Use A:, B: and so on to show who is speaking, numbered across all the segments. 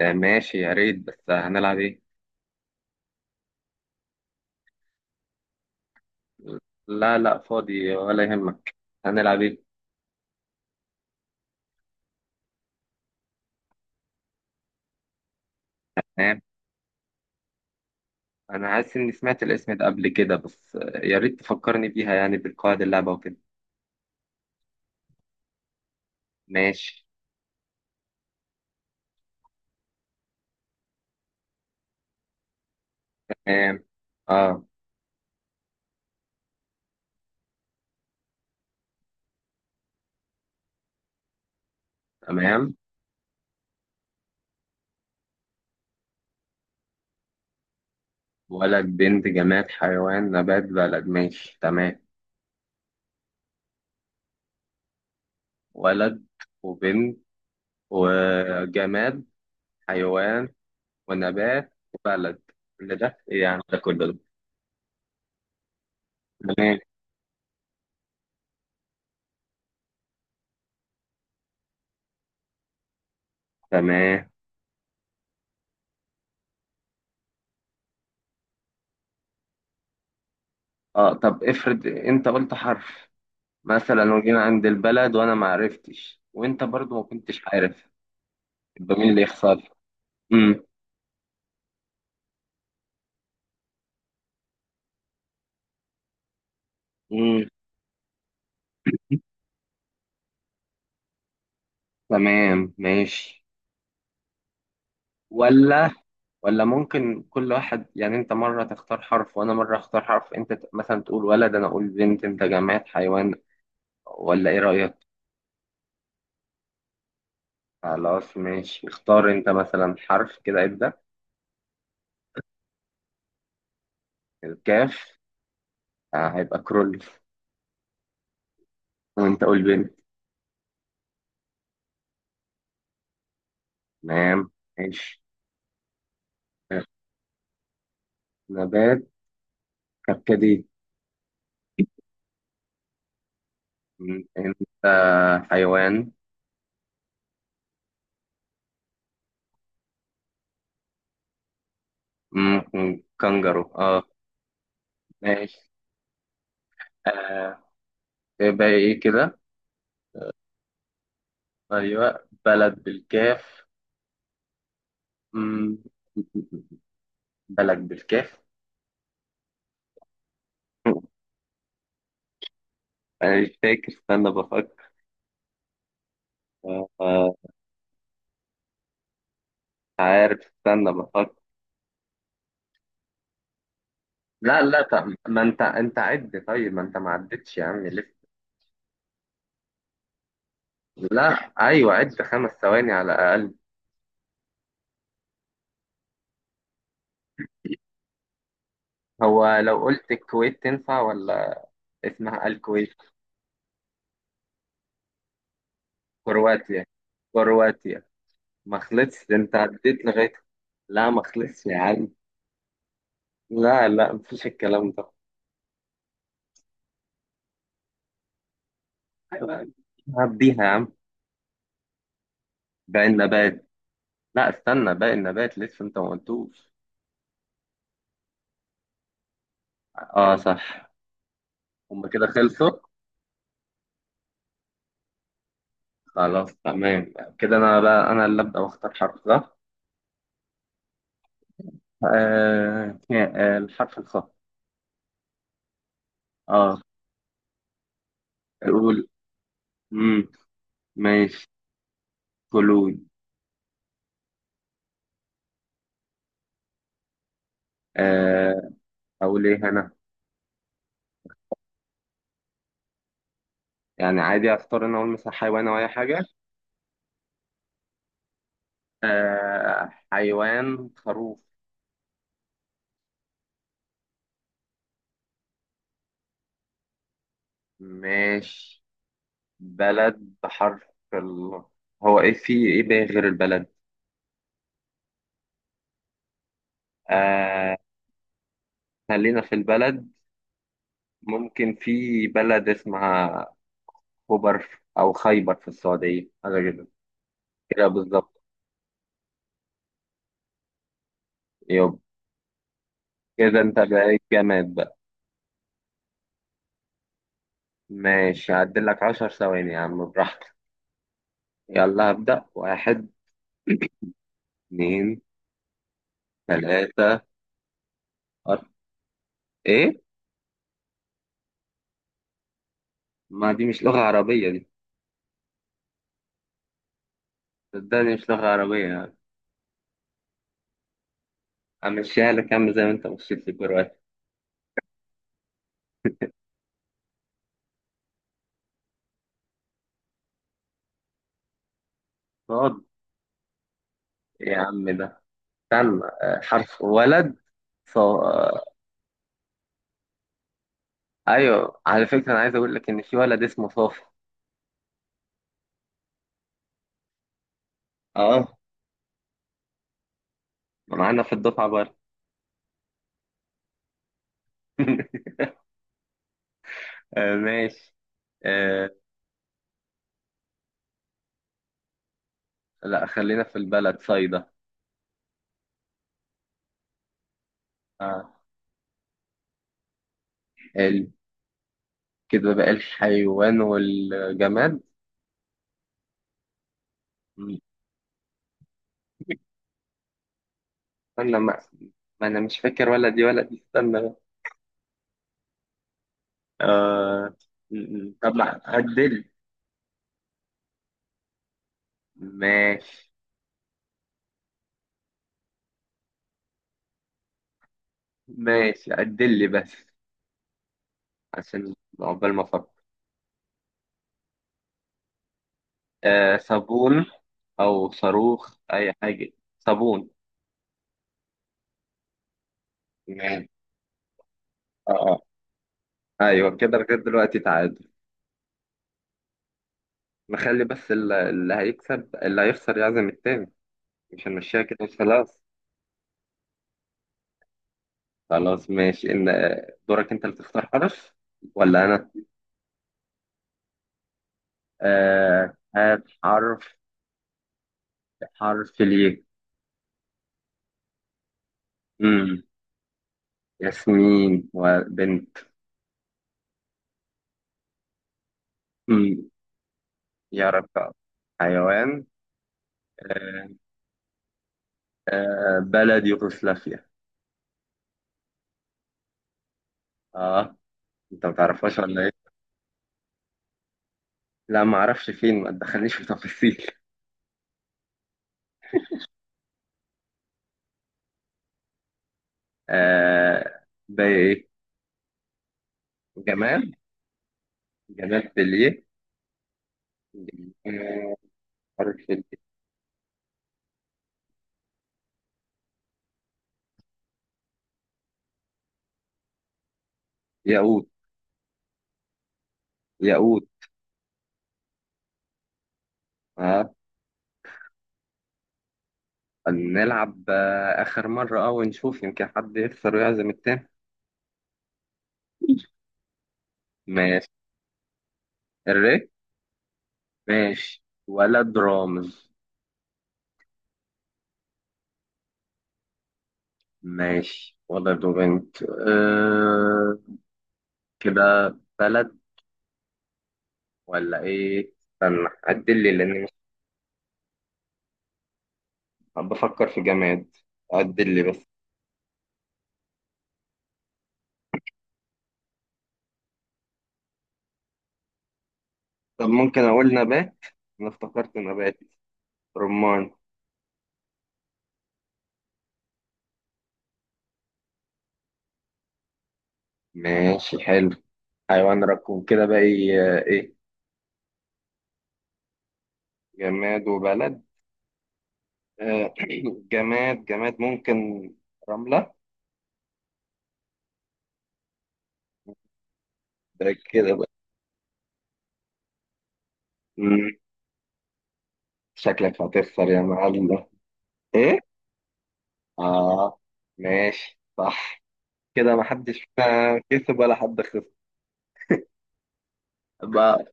A: آه، ماشي، يا ريت. بس هنلعب ايه؟ لا، لا، فاضي ولا يهمك. هنلعب ايه؟ تمام. انا حاسس اني سمعت الاسم ده قبل كده، بس يا ريت تفكرني بيها، يعني بالقواعد اللعبة وكده. ماشي. تمام. اه. تمام. ولد، بنت، جماد، حيوان، نبات، بلد، ماشي تمام. ولد، وبنت، وجماد، حيوان، ونبات، وبلد. كل ده ايه يعني؟ ده كله ده؟ تمام. تمام. اه، طب افرض انت قلت حرف مثلا، وجينا عند البلد وانا ما عرفتش وانت برضو ما كنتش عارف، يبقى مين اللي يخسر؟ امم. امم. تمام ماشي. ولا ولا، ممكن كل واحد يعني، انت مرة تختار حرف وانا مرة اختار حرف، انت مثلا تقول ولد، انا اقول بنت، انت جماد حيوان، ولا ايه رأيك؟ خلاص ماشي، اختار انت مثلا حرف كده، ابدأ. الكاف. آه، هيبقى كرول. وانت قول بنت. تمام. ماشي. نبات: كركديه. انت. حيوان. ممكن كنجرو، اه. ماشي. آه. يبقى ايه كده؟ ايوه، بلد بالكاف. م- بلد بالكاف. انا مش فاكر، استنى بفكر. آه، آه، عارف، استنى بفكر. لا، لا، طب ما انت عد، طيب ما انت ما عدتش يا عم لسه. لا. ايوه، عد 5 ثواني على الاقل. هو لو قلت الكويت، تنفع ولا؟ اسمها الكويت. كرواتيا! كرواتيا! ما خلصش، ده انت عديت لغايه. لا، ما خلصش يا عم. لا، لا، مفيش الكلام ده. أيوة، هديها يا عم. باقي النبات. لا، استنى، باقي النبات لسه، انت ما قلتوش. اه، صح. هما كده خلصوا؟ خلاص، تمام. كده انا بقى، انا اللي ابدا واختار حرف، صح؟ آه، آه، الحرف الخاء. اه. اقول. امم. ماشي. فلوي. آه. اقول ايه انا؟ يعني عادي، اختار؟ انا اقول مثلا حيوان او اي حاجه. آه، حيوان: خروف. ماشي. بلد بحرف ال. هو ايه في ايه بقى غير البلد؟ آه. خلينا في البلد. ممكن في بلد اسمها خبر او خيبر في السعودية، حاجة كده. كده بالظبط. يب. كده انت بقيت جامد بقى. ماشي، هعدل لك 10 ثواني يا عم، براحتك. يلا هبدأ. واحد. اتنين. تلاتة. أربعة. ايه؟ ما دي مش لغة عربية دي. صدقني مش لغة عربية. همشيها لك يا عم زي ما انت مشيت لي كرواتي. يا عم، ده استنى. حرف ولد. صو... آه، ايوه، على فكره، انا عايز اقول لك ان في ولد اسمه صافي. اه، معانا في الدفعه برضه. آه، ماشي. آه. لا، خلينا في البلد: صيدا. آه. ال... كده بقى الحيوان والجماد. م. استنى، ما انا مش فاكر، ولا دي ولا دي، استنى بقى. آه... م- م. طب عدل. ماشي. ماشي، عدل لي بس، عشان عقبال ما افكر. آه، صابون. أو صاروخ، أي حاجة. صابون. تمام. اه، اه، أيوه كده، لغاية دلوقتي تعادل. نخلي بس اللي هيكسب، اللي هيخسر يعزم التاني. مش هنمشيها كده وخلاص. خلاص ماشي. إن دورك أنت اللي تختار حرف، ولا أنا؟ آه، هات حرف. حرف ليه؟ مم. ياسمين. وبنت. مم. يا رب. حيوان. آه، آه، بلد: يوغوسلافيا. اه. انت ما تعرفهاش ولا ايه؟ لا، ما اعرفش فين، ما تدخلنيش في تفاصيل. آه. بايه؟ جمال. جمال بليه. آه، حرف ال-. ياقوت. ياقوت. اه. نلعب اخر مره، ونشوف يمكن حد يخسر ويعزم التاني. ماشي. الري. ماشي، ولد: رامز. ماشي، ولد وبنت. آه. كده بلد، ولا ايه؟ استنى، عدل لي لاني مش-. بفكر في جماد. عدل لي بس. طب ممكن أقول نبات؟ أنا افتكرت نبات. رمان. ماشي حلو. حيوان ركون، كده بقى إيه؟ إيه؟ جماد وبلد. آه، جماد، جماد، ممكن رملة. ده كده بقى. مم، شكلك هتخسر يا معلم. إيه؟ آه، ماشي صح. كده محدش فينا كسب ولا حد خسر. بقى.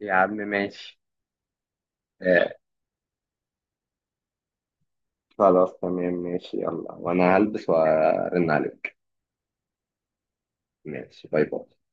A: يا عم ماشي. آه، خلاص تمام ماشي، يلا وأنا هلبس وأرن عليك. ماشي، باي باي.